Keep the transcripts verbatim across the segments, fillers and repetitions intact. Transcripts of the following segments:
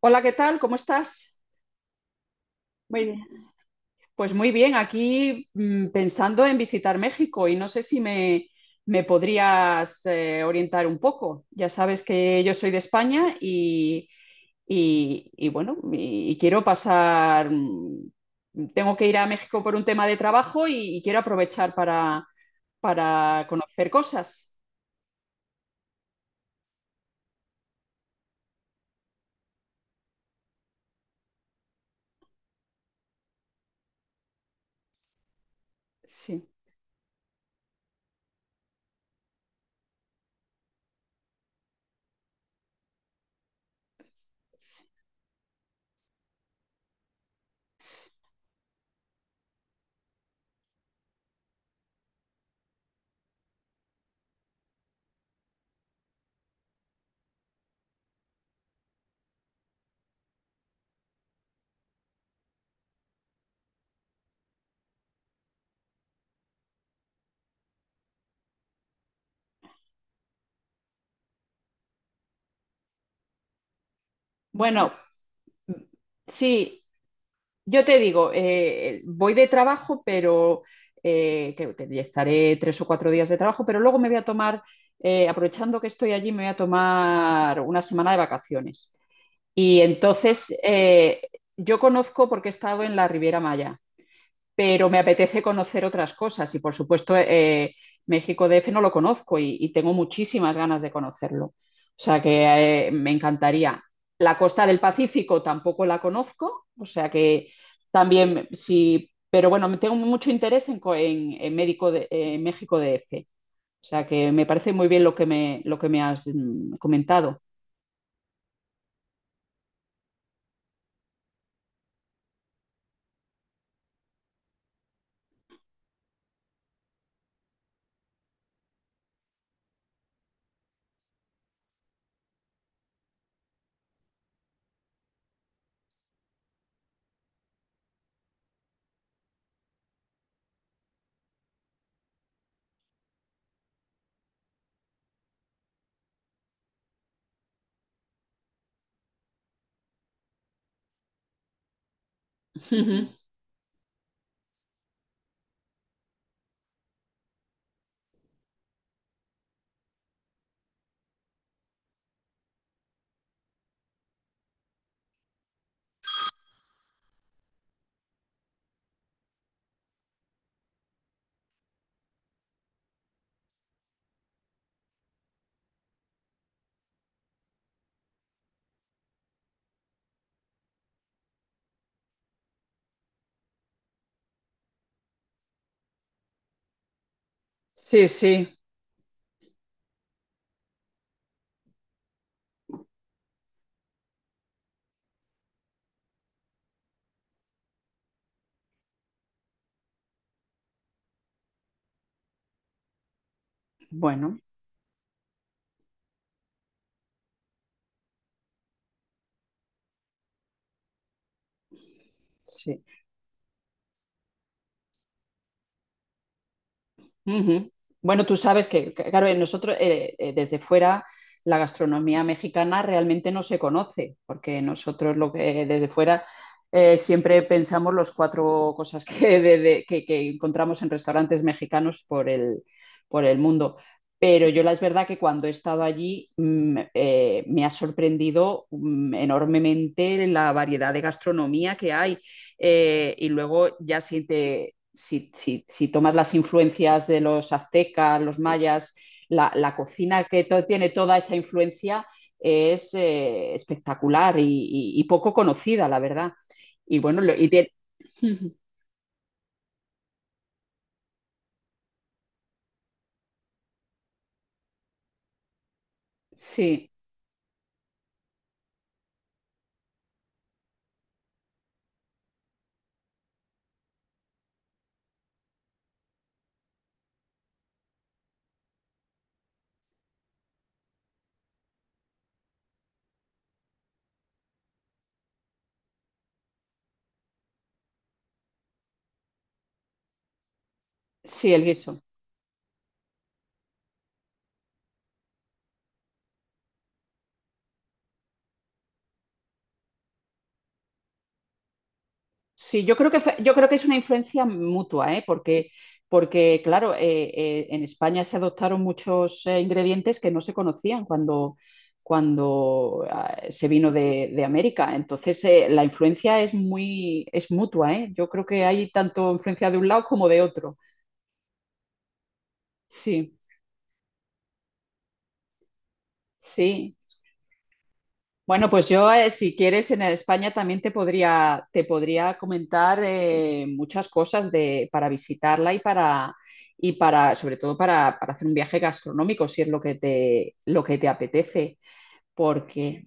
Hola, ¿qué tal? ¿Cómo estás? Muy bien. Pues muy bien, aquí mm, pensando en visitar México y no sé si me, me podrías eh, orientar un poco. Ya sabes que yo soy de España y, y- y bueno, y, y quiero pasar, mm, tengo que ir a México por un tema de trabajo y, y quiero aprovechar para, para conocer cosas. Sí. Bueno, mm, sí, yo te digo, eh, voy de trabajo, pero eh, que, que estaré tres o cuatro días de trabajo, pero luego me voy a tomar, eh, aprovechando que estoy allí, me voy a tomar una semana de vacaciones. Y entonces eh, yo conozco porque he estado en la Riviera Maya, pero me apetece conocer otras cosas y por supuesto eh, eh, México D F no lo conozco y, y, tengo muchísimas ganas de conocerlo. O sea que eh, me encantaría. La costa del Pacífico tampoco la conozco, o sea que también sí, pero bueno, tengo mucho interés en, co- en, en, médico de, en México D F. O sea que me parece muy bien lo que me, lo que me has mm, comentado. Sí, sí, bueno, sí. Ujú. Bueno, tú sabes que, que, claro, en nosotros eh, eh, desde fuera la gastronomía mexicana realmente no se conoce, porque nosotros lo que desde fuera eh, siempre pensamos los cuatro cosas que, de- de- que- que encontramos en restaurantes mexicanos por el, por el mundo. Pero yo la es verdad que cuando he estado allí mm, eh, me ha sorprendido mm, enormemente la variedad de gastronomía que hay. Eh, y luego ya siente si, si, si tomas las influencias de los aztecas, los mayas, la, la cocina que to tiene toda esa influencia es eh, espectacular y, y- y poco conocida, la verdad. Y bueno, lo- y tiene- sí, sí, el guiso. Sí, yo creo que fue- yo creo que es una influencia mutua, ¿eh? Porque, porque claro, eh, eh, en España se adoptaron muchos eh, ingredientes que no se conocían cuando, cuando ah, se vino de, de América. Entonces, eh, la influencia es muy, es mutua, ¿eh? Yo creo que hay tanto influencia de un lado como de otro. Sí, sí. Bueno, pues yo, eh, si quieres, en España también te podría, te podría comentar eh, muchas cosas de, para visitarla y para, y para, sobre todo para, para hacer un viaje gastronómico, si es lo que te, lo que te apetece. Porque,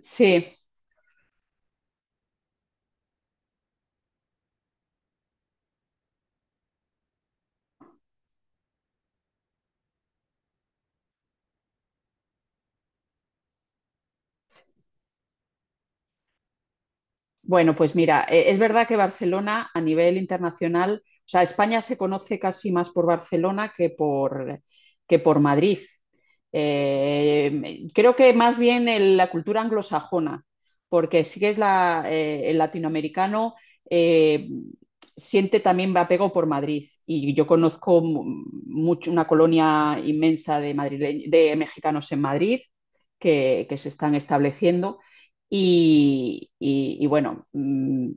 sí. Bueno, pues mira, eh, es verdad que Barcelona a nivel internacional, o sea, España se conoce casi más por Barcelona que por, que por Madrid. Eh, creo que más bien el- la cultura anglosajona, porque sí que es la, eh, el latinoamericano eh, siente también apego por Madrid. Y yo conozco mu- mucho una colonia inmensa de, madrile- de mexicanos en Madrid que, que se están estableciendo. Y, y- y bueno, mm,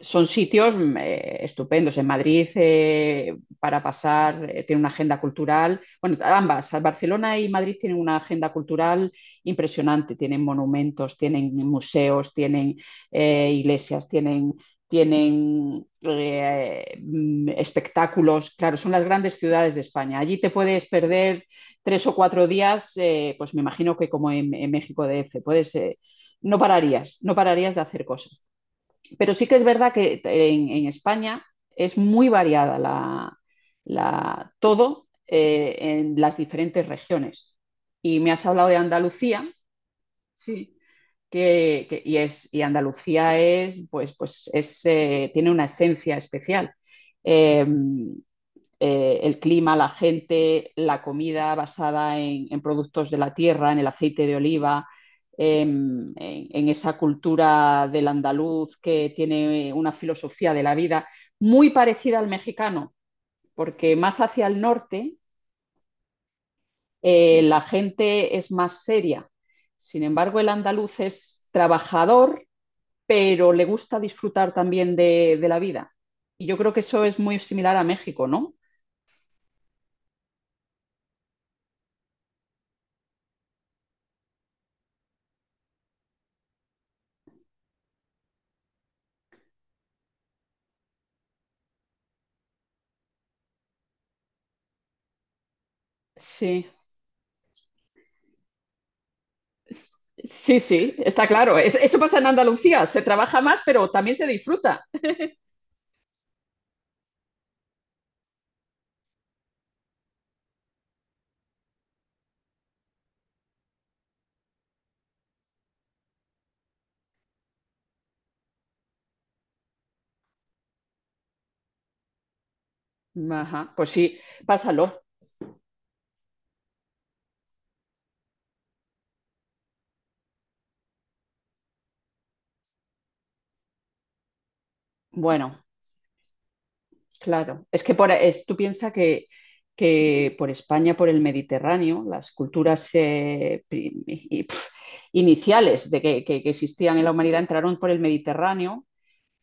son sitios mm, eh, estupendos. En Madrid, eh, para pasar, eh, tiene una agenda cultural. Bueno, ambas, Barcelona y Madrid tienen una agenda cultural impresionante. Tienen monumentos, tienen museos, tienen eh, iglesias, tienen, tienen eh, mm, espectáculos. Claro, son las grandes ciudades de España. Allí te puedes perder tres o cuatro días, eh, pues me imagino que como en, en México D F, puedes eh, no pararías, no pararías de hacer cosas. Pero sí que es verdad que en, en España es muy variada la, la todo eh, en las diferentes regiones. Y me has hablado de Andalucía, sí, que, que y, es, y Andalucía es, pues, pues es, eh, tiene una esencia especial. Eh, eh, el clima, la gente, la comida basada en, en, productos de la tierra, en el aceite de oliva, en, en, en, esa cultura del andaluz que tiene una filosofía de la vida muy parecida al mexicano, porque más hacia el norte eh, la gente es más seria. Sin embargo, el andaluz es trabajador, pero le gusta disfrutar también de, de la vida. Y yo creo que eso es muy similar a México, ¿no? Sí. Sí, sí, está claro. Es- eso pasa en Andalucía. Se trabaja más, pero también se disfruta. Ajá, pues sí, pásalo. Bueno, claro. Es que por, es, tú piensas que, que por España, por el Mediterráneo, las culturas eh, pri- y- pf, iniciales de que, que- que existían en la humanidad entraron por el Mediterráneo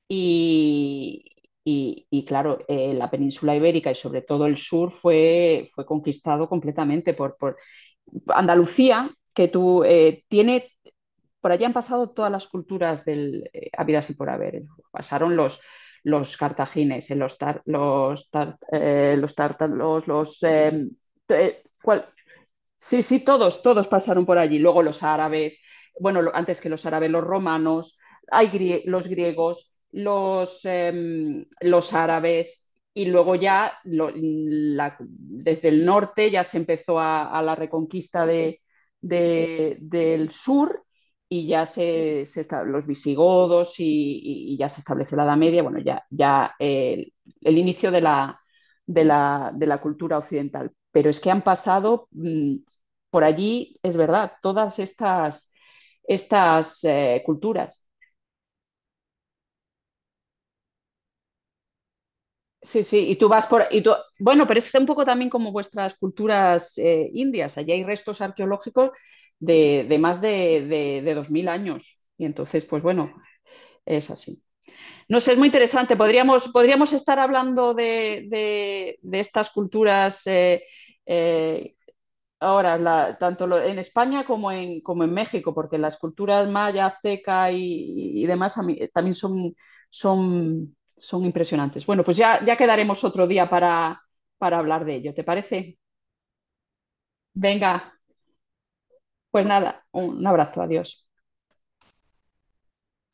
y, y- y, claro, eh, la península ibérica y sobre todo el sur fue, fue conquistado completamente. Andalucía, que tú eh, tiene, por allí han pasado todas las culturas del eh, habidas y por haber. Pasaron los, los cartagines, eh, los, tar, los, tar, eh, los tártaros, los... Cual, sí, sí, todos, todos pasaron por allí. Luego los árabes, bueno, lo- antes que los árabes, los romanos, hay grie- los griegos, los, em, los árabes, y luego ya lo- la- desde el norte ya se empezó a, a la reconquista de- de- del sur y ya se, se esta- los visigodos y, y- y ya se estableció la Edad Media, bueno, ya, ya el, el inicio de la, de la, de la cultura occidental. Pero es que han pasado mm, por allí es verdad, todas estas, estas eh, culturas. Sí, sí, y tú vas por... Y tú, bueno, pero es un poco también como vuestras culturas eh, indias. Allí hay restos arqueológicos de, de más de, de, de dos mil años. Y entonces, pues bueno, es así. No sé, es muy interesante. Podríamos, podríamos estar hablando de, de- de estas culturas eh, eh, ahora, la- tanto lo- en España como en, como en México, porque las culturas maya, azteca y, y demás a mí, eh, también son, son, son impresionantes. Bueno, pues ya, ya quedaremos otro día para, para hablar de ello, ¿te parece? Venga, pues nada, un un abrazo, adiós.